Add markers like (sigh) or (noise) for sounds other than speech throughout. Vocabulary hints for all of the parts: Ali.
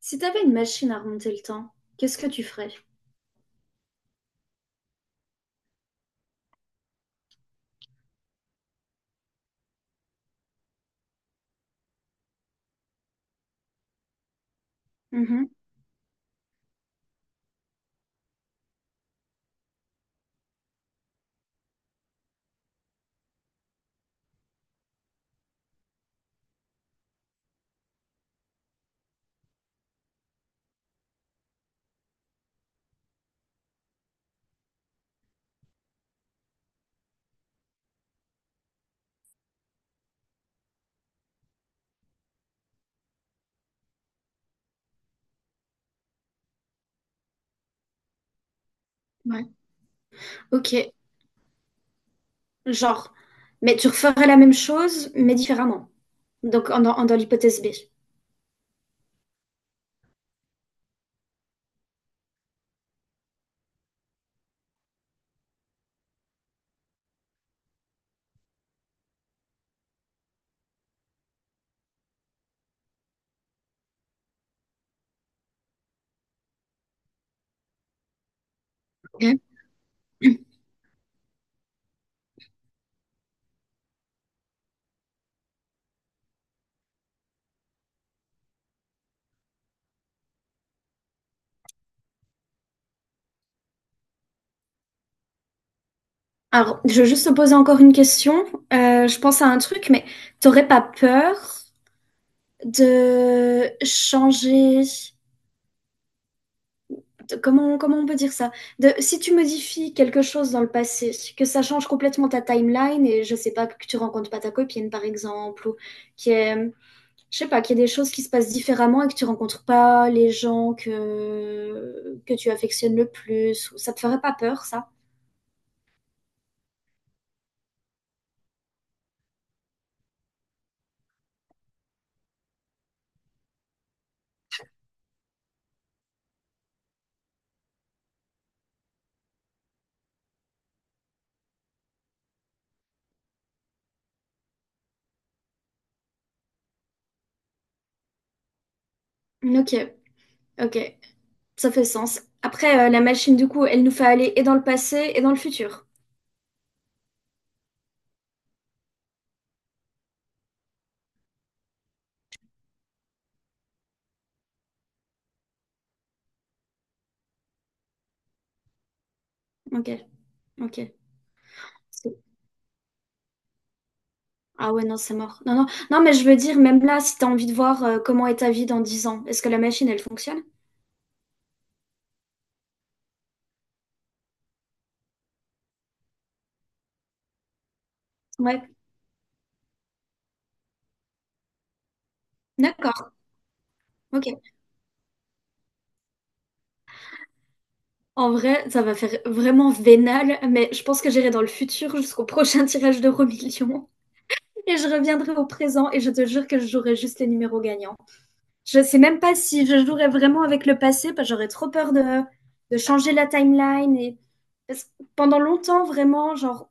Si t'avais une machine à remonter le temps, qu'est-ce que tu ferais? Mhm, ouais. Ok, genre, mais tu referais la même chose, mais différemment. Donc, dans l'hypothèse B. Ok. Alors, je vais juste te poser encore une question. Je pense à un truc, mais t'aurais pas peur de changer... comment, comment on peut dire ça? De, si tu modifies quelque chose dans le passé, que ça change complètement ta timeline et je sais pas, que tu rencontres pas ta copine, par exemple, ou je sais pas, qu'il y a des choses qui se passent différemment et que tu rencontres pas les gens que tu affectionnes le plus. Ça te ferait pas peur, ça? Ok, ok, ça fait sens. Après, la machine, du coup, elle nous fait aller et dans le passé et dans le futur. Ok, ok. C'est- Ah ouais, non, c'est mort. Non, non, non, mais je veux dire, même là, si t'as envie de voir comment est ta vie dans 10 ans, est-ce que la machine, elle fonctionne? Ouais, d'accord, ok. En vrai, ça va faire vraiment vénal, mais je pense que j'irai dans le futur jusqu'au prochain tirage d'Euro Million. Et je reviendrai au présent et je te jure que je jouerai juste les numéros gagnants. Je sais même pas si je jouerai vraiment avec le passé, parce que j'aurais trop peur de changer la timeline. Et... parce que pendant longtemps, vraiment, genre,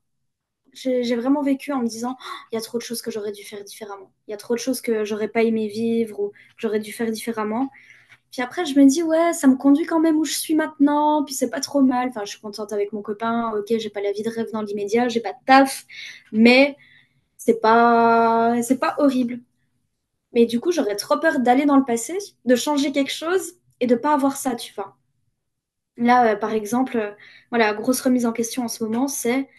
j'ai vraiment vécu en me disant, oh, il y a trop de choses que j'aurais dû faire différemment. Il y a trop de choses que j'aurais pas aimé vivre ou que j'aurais dû faire différemment. Puis après, je me dis, ouais, ça me conduit quand même où je suis maintenant, puis c'est pas trop mal. Enfin, je suis contente avec mon copain, ok, j'ai pas la vie de rêve dans l'immédiat, j'ai pas de taf, mais c'est pas horrible. Mais du coup, j'aurais trop peur d'aller dans le passé, de changer quelque chose et de pas avoir ça, tu vois. Là, par exemple, voilà, grosse remise en question en ce moment, c'est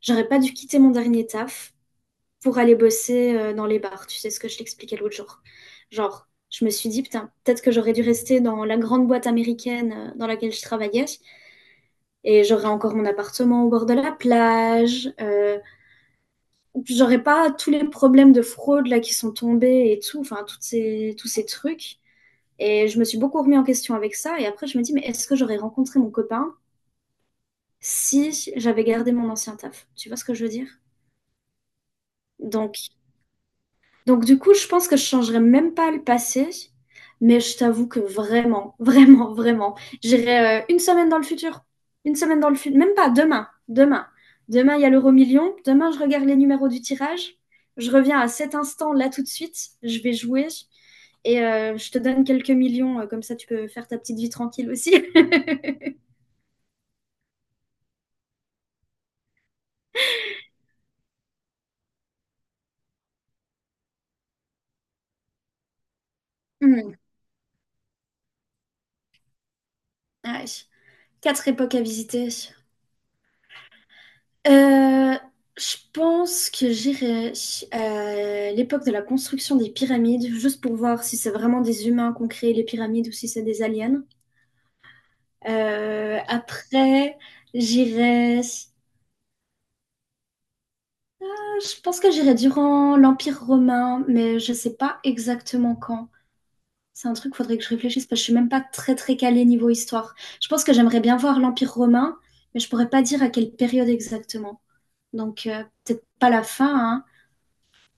j'aurais pas dû quitter mon dernier taf pour aller bosser dans les bars. Tu sais ce que je t'expliquais l'autre jour. Genre, je me suis dit, putain, peut-être que j'aurais dû rester dans la grande boîte américaine dans laquelle je travaillais et j'aurais encore mon appartement au bord de la plage. J'aurais pas tous les problèmes de fraude là qui sont tombés et tout, enfin, tous ces trucs. Et je me suis beaucoup remis en question avec ça. Et après, je me dis, mais est-ce que j'aurais rencontré mon copain si j'avais gardé mon ancien taf? Tu vois ce que je veux dire? Donc, donc du coup, je pense que je changerais même pas le passé. Mais je t'avoue que vraiment, (laughs) vraiment, j'irai une semaine dans le futur. Une semaine dans le futur. Même pas demain. Demain. Demain, il y a l'euro million. Demain, je regarde les numéros du tirage. Je reviens à cet instant, là, tout de suite. Je vais jouer. Et je te donne quelques millions. Comme ça, tu peux faire ta petite vie tranquille aussi. (laughs) Hmm, ouais. Quatre époques à visiter. Euh, je pense que j'irai à l'époque de la construction des pyramides, juste pour voir si c'est vraiment des humains qui ont créé les pyramides ou si c'est des aliens. Après, j'irai. Je pense que j'irai durant l'Empire romain, mais je sais pas exactement quand. C'est un truc, faudrait que je réfléchisse parce que je suis même pas très très calée niveau histoire. Je pense que j'aimerais bien voir l'Empire romain, mais je pourrais pas dire à quelle période exactement. Donc, peut-être pas la fin, hein,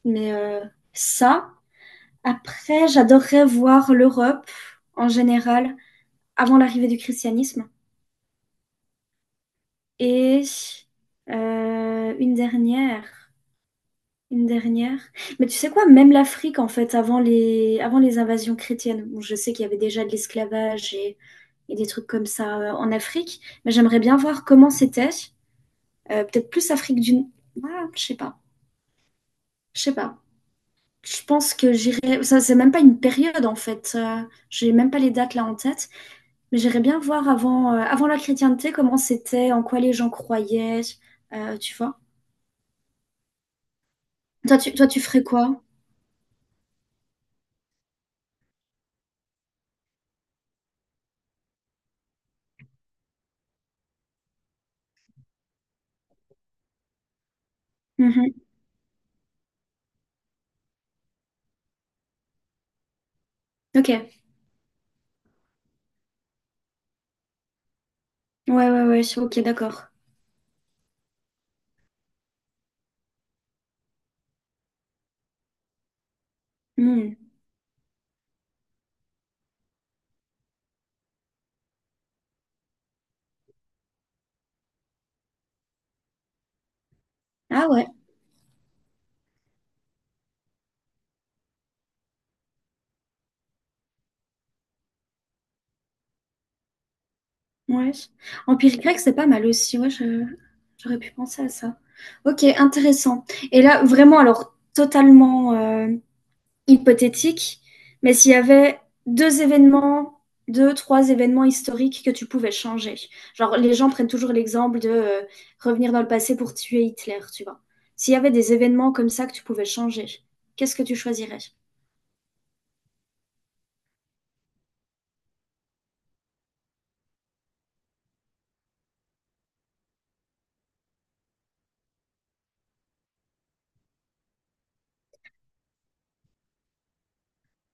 mais ça. Après, j'adorerais voir l'Europe en général avant l'arrivée du christianisme. Et une dernière, une dernière. Mais tu sais quoi, même l'Afrique, en fait, avant les invasions chrétiennes, bon, je sais qu'il y avait déjà de l'esclavage et des trucs comme ça en Afrique, mais j'aimerais bien voir comment c'était. Peut-être plus Afrique du... Ah, je sais pas, je sais pas. Je pense que j'irai. Ça, c'est même pas une période en fait. J'ai même pas les dates là en tête. Mais j'irais bien voir avant, avant la chrétienté comment c'était, en quoi les gens croyaient. Tu vois? Toi, tu ferais quoi? Mhm. Ok. Ouais, ouais, ouais. Ok, d'accord. Hmm. Ah ouais. Ouais. Empire grec, c'est pas mal aussi. Ouais, j'aurais pu penser à ça. Ok, intéressant. Et là, vraiment, alors, totalement. Hypothétique, mais s'il y avait deux événements, trois événements historiques que tu pouvais changer. Genre, les gens prennent toujours l'exemple de revenir dans le passé pour tuer Hitler, tu vois. S'il y avait des événements comme ça que tu pouvais changer, qu'est-ce que tu choisirais?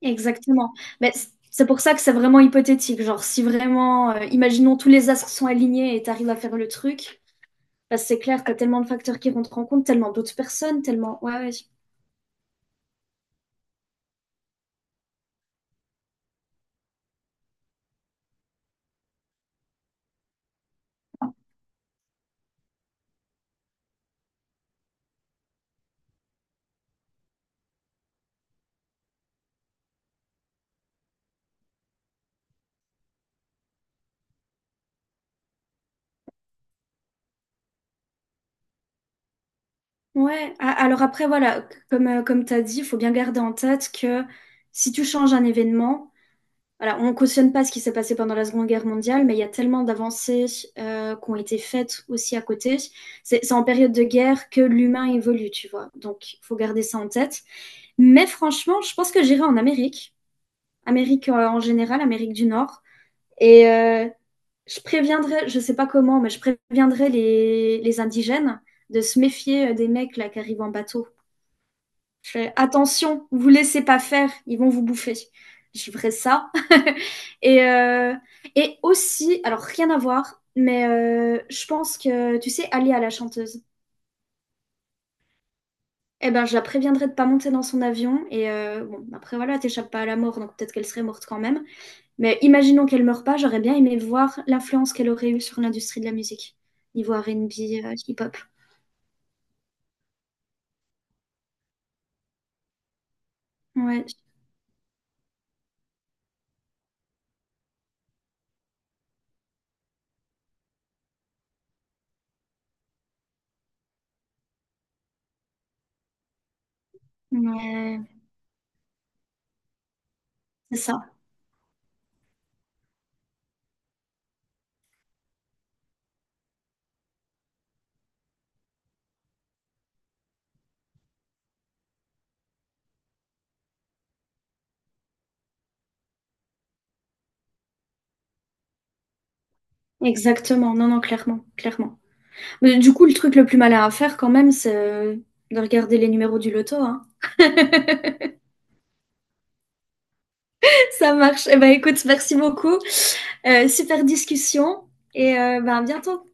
Exactement. Mais c'est pour ça que c'est vraiment hypothétique. Genre, si vraiment, imaginons tous les astres sont alignés et tu arrives à faire le truc, parce que c'est clair, tu as tellement de facteurs qui rentrent en compte, tellement d'autres personnes, tellement... Ouais, ouais. Ouais, alors après, voilà, comme, comme tu as dit, il faut bien garder en tête que si tu changes un événement, voilà, on cautionne pas ce qui s'est passé pendant la Seconde Guerre mondiale, mais il y a tellement d'avancées qui ont été faites aussi à côté. C'est en période de guerre que l'humain évolue, tu vois. Donc, il faut garder ça en tête. Mais franchement, je pense que j'irai en Amérique, Amérique en général, Amérique du Nord. Et je préviendrai, je sais pas comment, mais je préviendrai les indigènes de se méfier des mecs là qui arrivent en bateau. Je fais, attention, vous laissez pas faire, ils vont vous bouffer. Je ferai ça. (laughs) Et, et aussi, alors rien à voir, mais je pense que, tu sais, Ali la chanteuse. Eh ben, je la préviendrai de pas monter dans son avion. Et bon, après voilà, t'échappes pas à la mort, donc peut-être qu'elle serait morte quand même. Mais imaginons qu'elle meure pas, j'aurais bien aimé voir l'influence qu'elle aurait eue sur l'industrie de la musique, niveau R&B, hip-hop. Ouais, mais c'est ça. Exactement. Non, non, clairement, clairement. Mais du coup, le truc le plus malin à faire quand même, c'est de regarder les numéros du loto, hein. (laughs) Ça marche. Eh ben, écoute, merci beaucoup. Super discussion et ben, à bientôt.